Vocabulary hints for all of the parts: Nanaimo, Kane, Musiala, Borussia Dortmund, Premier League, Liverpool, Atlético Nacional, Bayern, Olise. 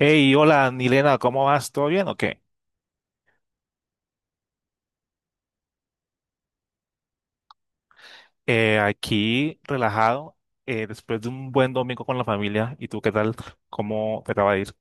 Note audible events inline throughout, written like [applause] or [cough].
Hey, hola, Nilena, ¿cómo vas? ¿Todo bien o qué? Aquí relajado, después de un buen domingo con la familia. ¿Y tú qué tal? ¿Cómo te acaba de ir?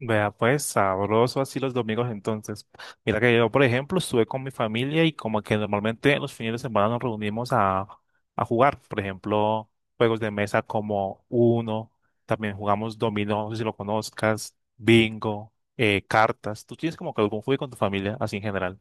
Vea, pues sabroso así los domingos entonces. Mira que yo, por ejemplo, estuve con mi familia y como que normalmente los fines de semana nos reunimos a jugar, por ejemplo, juegos de mesa como Uno, también jugamos dominó, no sé si lo conozcas, bingo, cartas. ¿Tú tienes como que algún juego con tu familia así en general?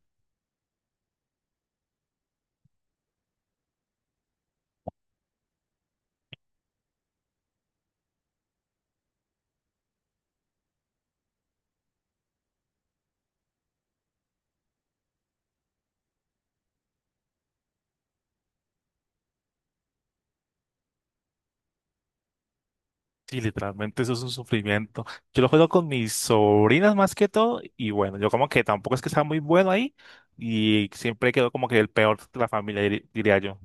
Sí, literalmente eso es un sufrimiento. Yo lo juego con mis sobrinas más que todo y bueno, yo como que tampoco es que sea muy bueno ahí y siempre quedo como que el peor de la familia, diría yo.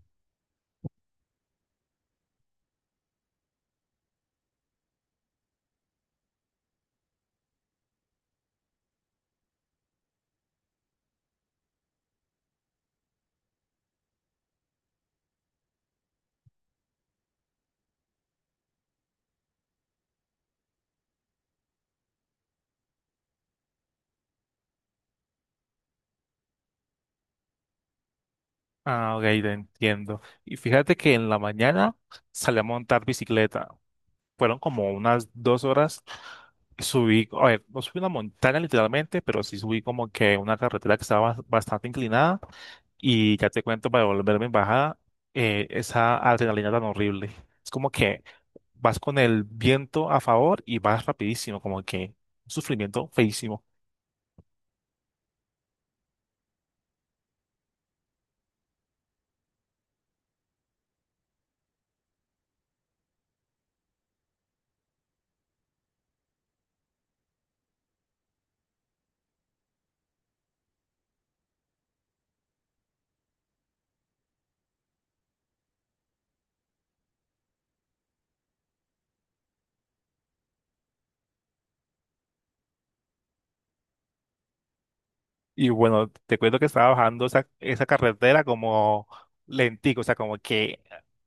Ah, ok, te entiendo. Y fíjate que en la mañana salí a montar bicicleta. Fueron como unas dos horas. Subí, a ver, no subí una montaña literalmente, pero sí subí como que una carretera que estaba bastante inclinada y ya te cuento para volverme en bajada, esa adrenalina tan horrible. Es como que vas con el viento a favor y vas rapidísimo, como que un sufrimiento feísimo. Y bueno, te cuento que estaba bajando esa carretera como lentico, o sea, como que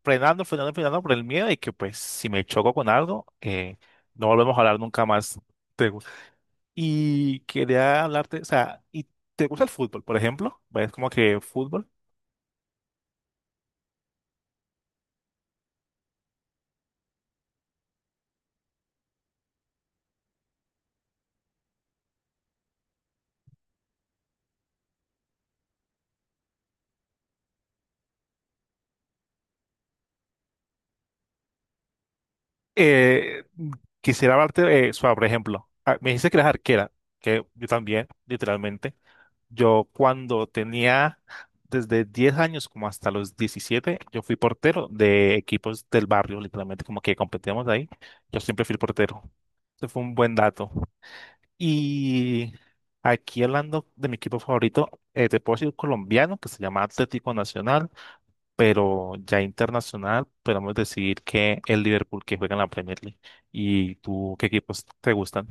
frenando, frenando, frenando por el miedo de que pues si me choco con algo, no volvemos a hablar nunca más. Y quería hablarte, o sea, ¿y te gusta el fútbol, por ejemplo? ¿Ves como que fútbol? Eh, Quisiera hablarte, sobre, por ejemplo, ah, me dice que eres arquera, que yo también, literalmente. Yo cuando tenía desde 10 años como hasta los 17, yo fui portero de equipos del barrio, literalmente, como que competíamos ahí. Yo siempre fui el portero. Ese fue un buen dato. Y aquí hablando de mi equipo favorito, te puedo decir colombiano, que se llama Atlético Nacional. Pero ya internacional podemos decir que el Liverpool, que juega en la Premier League. ¿Y tú qué equipos te gustan?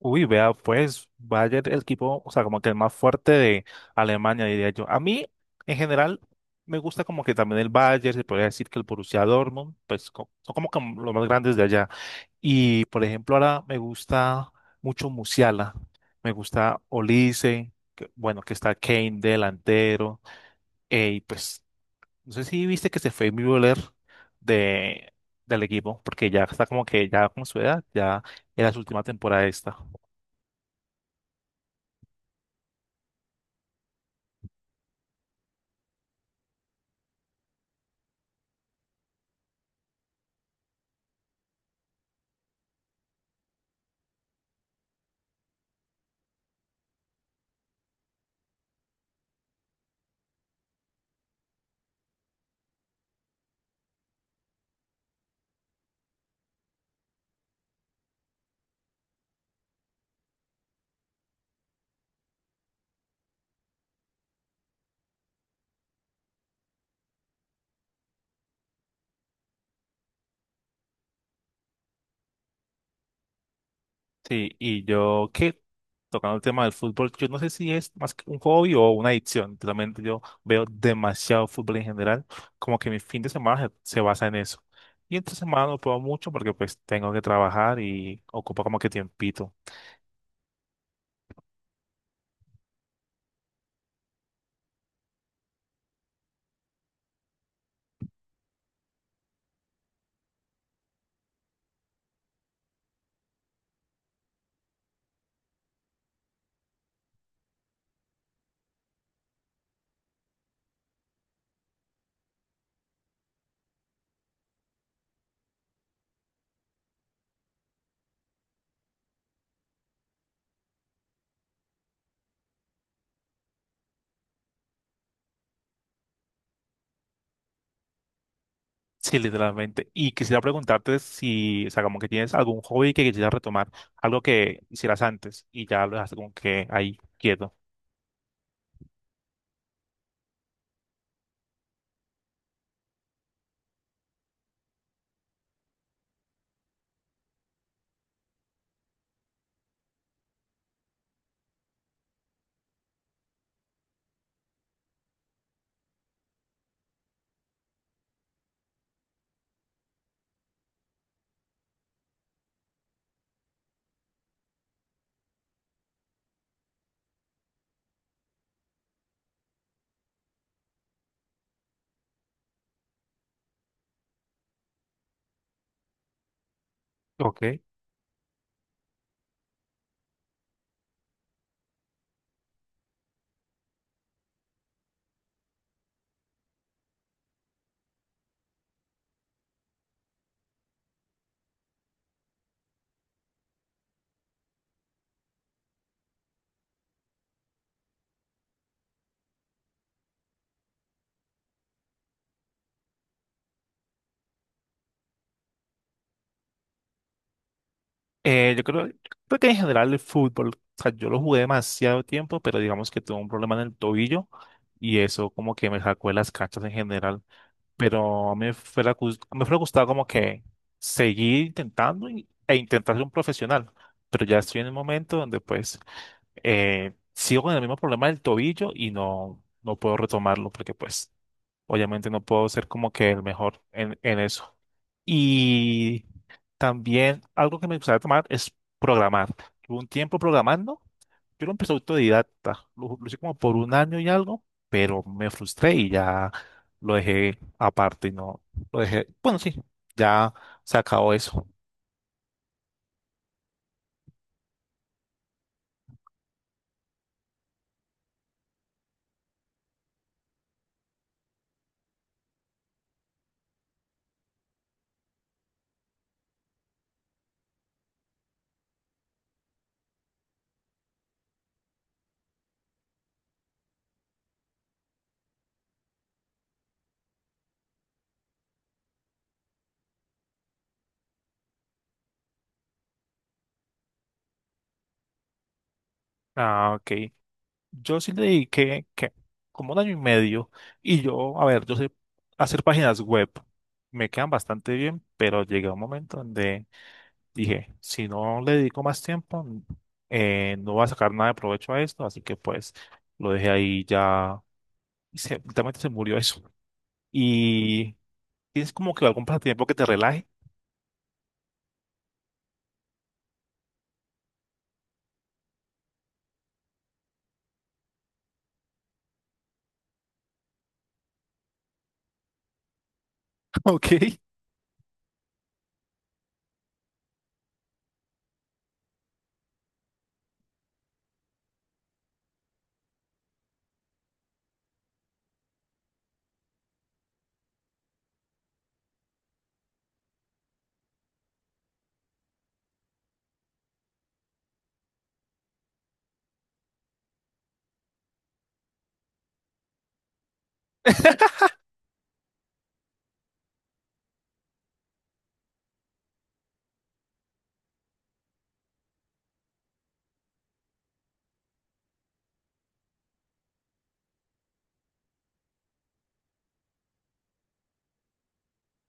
Uy, vea, pues Bayern, el equipo, o sea, como que el más fuerte de Alemania, diría yo. A mí, en general, me gusta como que también el Bayern, se podría decir que el Borussia Dortmund, pues son como que los más grandes de allá. Y, por ejemplo, ahora me gusta mucho Musiala, me gusta Olise, bueno, que está Kane delantero, y pues no sé si viste que se fue mi voler de, del equipo, porque ya está como que ya con su edad, ya era su última temporada esta. Sí, y yo que tocando el tema del fútbol, yo no sé si es más que un hobby o una adicción. Realmente yo veo demasiado fútbol en general, como que mi fin de semana se basa en eso. Y entre semana no puedo mucho porque pues tengo que trabajar y ocupa como que tiempito. Sí, literalmente. Y quisiera preguntarte si, o sea, como que tienes algún hobby que quisieras retomar, algo que hicieras antes y ya lo dejaste como que ahí quieto. Ok. Yo creo que en general el fútbol, o sea, yo lo jugué demasiado tiempo, pero digamos que tuve un problema en el tobillo y eso como que me sacó de las canchas en general. Pero a mí me fuera, me fuera gustado como que seguir intentando e intentar ser un profesional, pero ya estoy en el momento donde pues sigo con el mismo problema del tobillo y no, no puedo retomarlo porque pues obviamente no puedo ser como que el mejor en eso. Y también algo que me gustaría tomar es programar. Tuve un tiempo programando, yo lo empecé autodidacta, lo hice como por un año y algo, pero me frustré y ya lo dejé aparte y no lo dejé. Bueno, sí, ya se acabó eso. Ah, ok. Yo sí le dediqué que como un año y medio y yo, a ver, yo sé hacer páginas web. Me quedan bastante bien, pero llegué a un momento donde dije, si no le dedico más tiempo, no voy a sacar nada de provecho a esto, así que pues lo dejé ahí ya y se, literalmente se murió eso. Y tienes como que algún pasatiempo que te relaje, [laughs] ¿ok?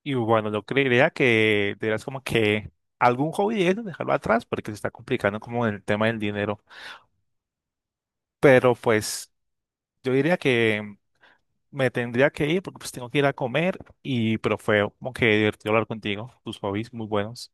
Y bueno, yo creería que deberás como que algún hobby de eso, dejarlo atrás porque se está complicando como el tema del dinero. Pero pues yo diría que me tendría que ir porque pues tengo que ir a comer y pero fue como que divertido hablar contigo, tus hobbies muy buenos.